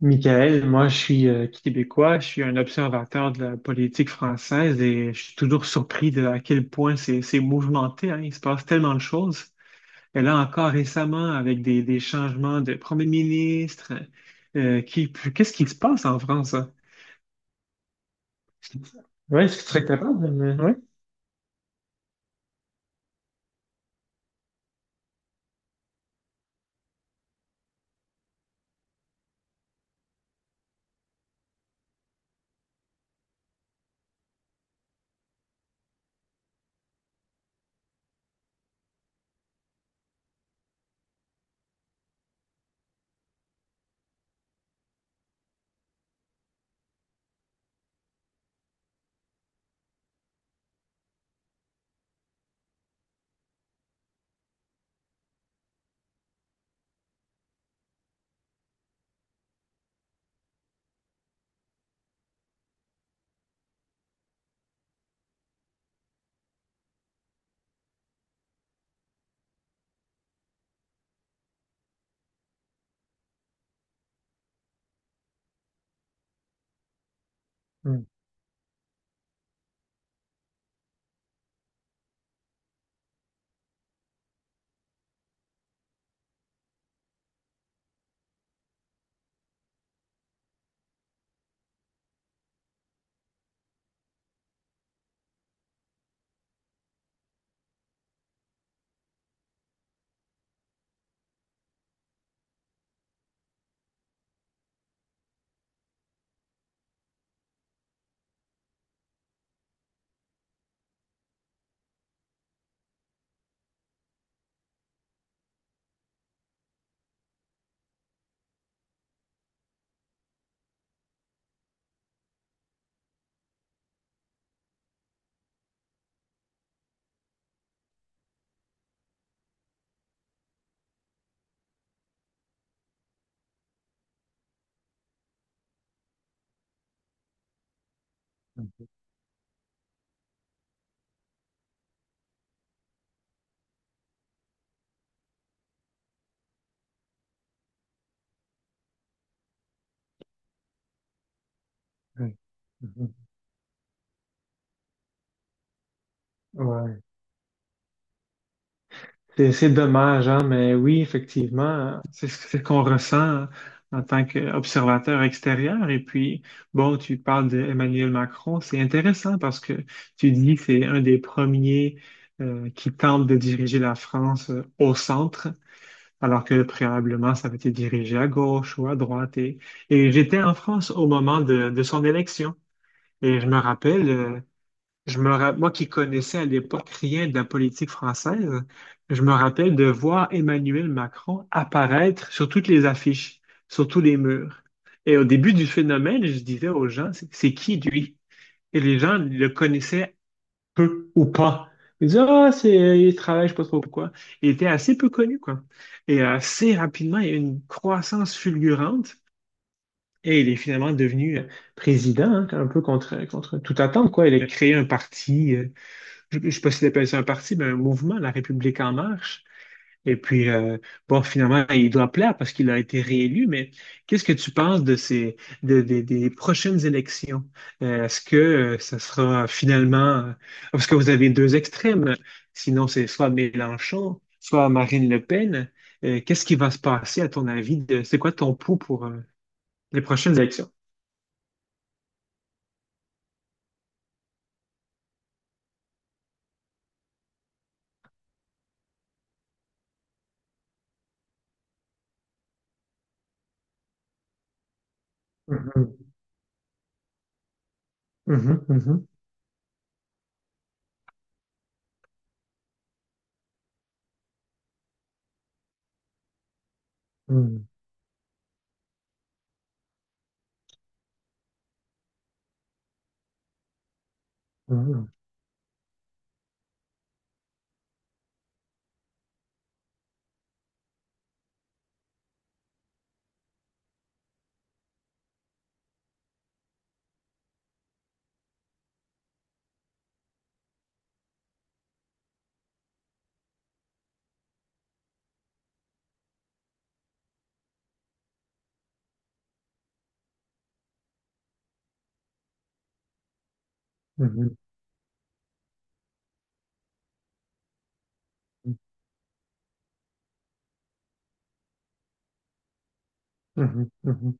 Michael, moi je suis québécois, je suis un observateur de la politique française et je suis toujours surpris de à quel point c'est mouvementé, hein. Il se passe tellement de choses. Et là encore récemment, avec des changements de premier ministre, qu'est-ce qui se passe en France, hein? Ouais, est-ce que tu serais capable de me- ouais. Mm. Ouais. C'est dommage, hein, mais oui, effectivement, c'est ce qu'on ressent en tant qu'observateur extérieur. Et puis, bon, tu parles d'Emmanuel Macron, c'est intéressant parce que tu dis que c'est un des premiers qui tente de diriger la France au centre, alors que préalablement, ça avait été dirigé à gauche ou à droite. Et j'étais en France au moment de son élection. Et je me rappelle, moi qui connaissais à l'époque rien de la politique française, je me rappelle de voir Emmanuel Macron apparaître sur toutes les affiches, sur tous les murs. Et au début du phénomène, je disais aux gens, c'est qui lui? Et les gens le connaissaient peu ou pas. Ils disaient, ah, c'est, il travaille, je sais pas trop pourquoi. Il était assez peu connu, quoi. Et assez rapidement, il y a eu une croissance fulgurante. Et il est finalement devenu président, hein, un peu contre toute attente, quoi. Il a créé un parti. Je ne sais pas si appelle ça un parti, mais un mouvement, La République en marche. Et puis, bon, finalement, il doit plaire parce qu'il a été réélu, mais qu'est-ce que tu penses de ces, de- des prochaines élections? Est-ce que Ça sera finalement, parce que vous avez deux extrêmes, sinon c'est soit Mélenchon, soit Marine Le Pen. Qu'est-ce qui va se passer à ton avis de, c'est quoi ton pouls pour les prochaines élections? Mhm, mhm, mhm, mhm, mhm, mhm, mhm, mhm,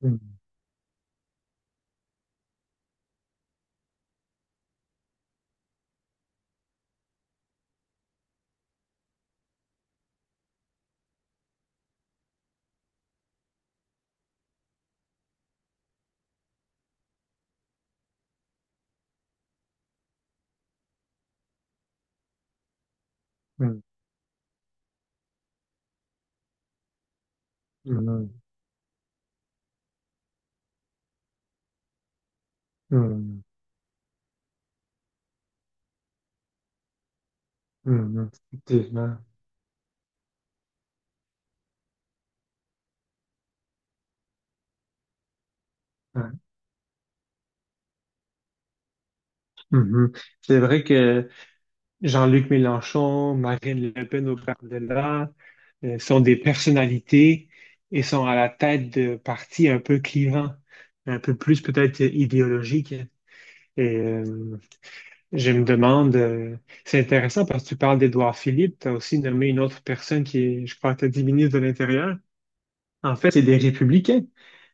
mhm, mhm. Mhm. Mhm. Mhm. Effectivement. Ouais. Mhm. C'est vrai que Jean-Luc Mélenchon, Marine Le Pen au par-delà sont des personnalités et sont à la tête de partis un peu clivants, un peu plus peut-être idéologiques. Et je me demande, c'est intéressant parce que tu parles d'Édouard Philippe, tu as aussi nommé une autre personne qui est, je crois, tu as dit ministre de l'Intérieur. En fait, c'est des républicains.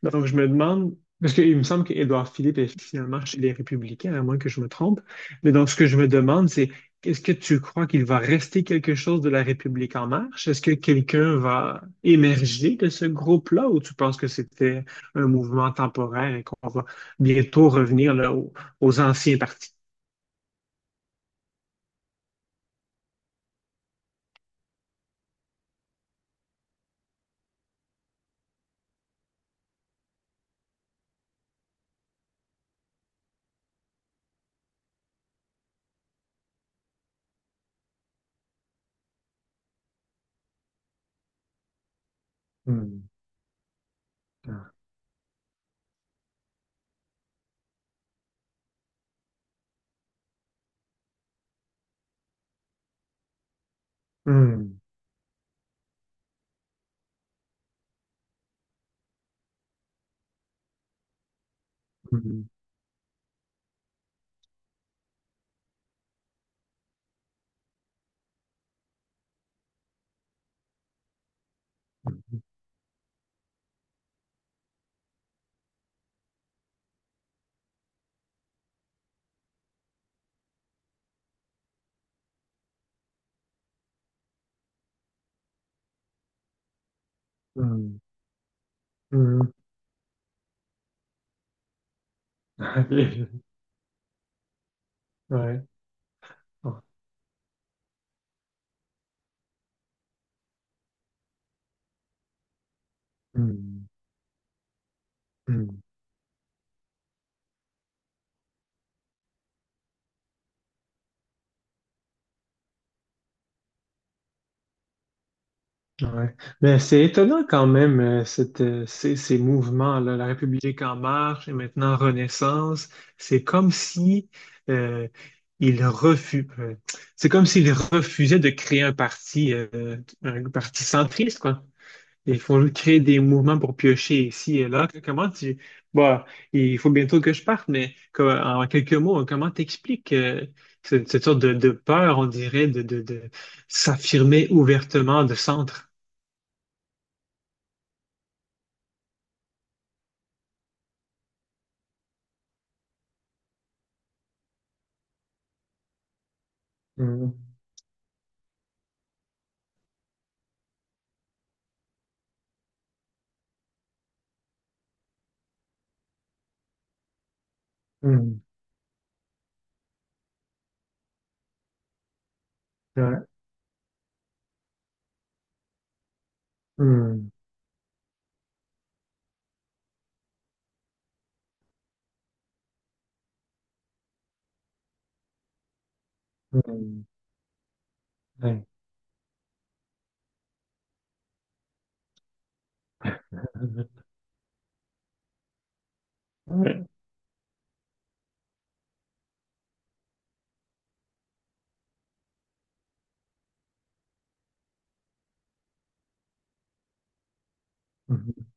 Donc, je me demande, parce qu'il me semble qu'Édouard Philippe est finalement chez les républicains, à moins que je me trompe. Mais donc, ce que je me demande, c'est est-ce que tu crois qu'il va rester quelque chose de la République en marche? Est-ce que quelqu'un va émerger de ce groupe-là ou tu penses que c'était un mouvement temporaire et qu'on va bientôt revenir aux anciens partis? Hmm. Hmm. Hmm. Hmm. Hmm. Hmm. Ouais. Hmm. Hmm. Ouais. Mais c'est étonnant quand même, ces mouvements-là, La République en marche et maintenant Renaissance, c'est comme si euh, ils refu- euh, c'est comme s'ils refusaient de créer un parti centriste, quoi. Il faut créer des mouvements pour piocher ici et là. Comment tu... Bon, il faut bientôt que je parte, mais en quelques mots, comment t'expliques cette sorte de peur, on dirait, de s'affirmer ouvertement de centre? Hmm hmm ouais, hmm hmm ouais. Ouais.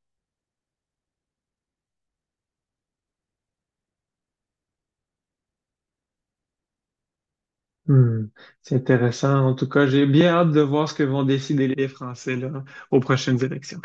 Hmm, c'est intéressant. En tout cas, j'ai bien hâte de voir ce que vont décider les Français là, aux prochaines élections.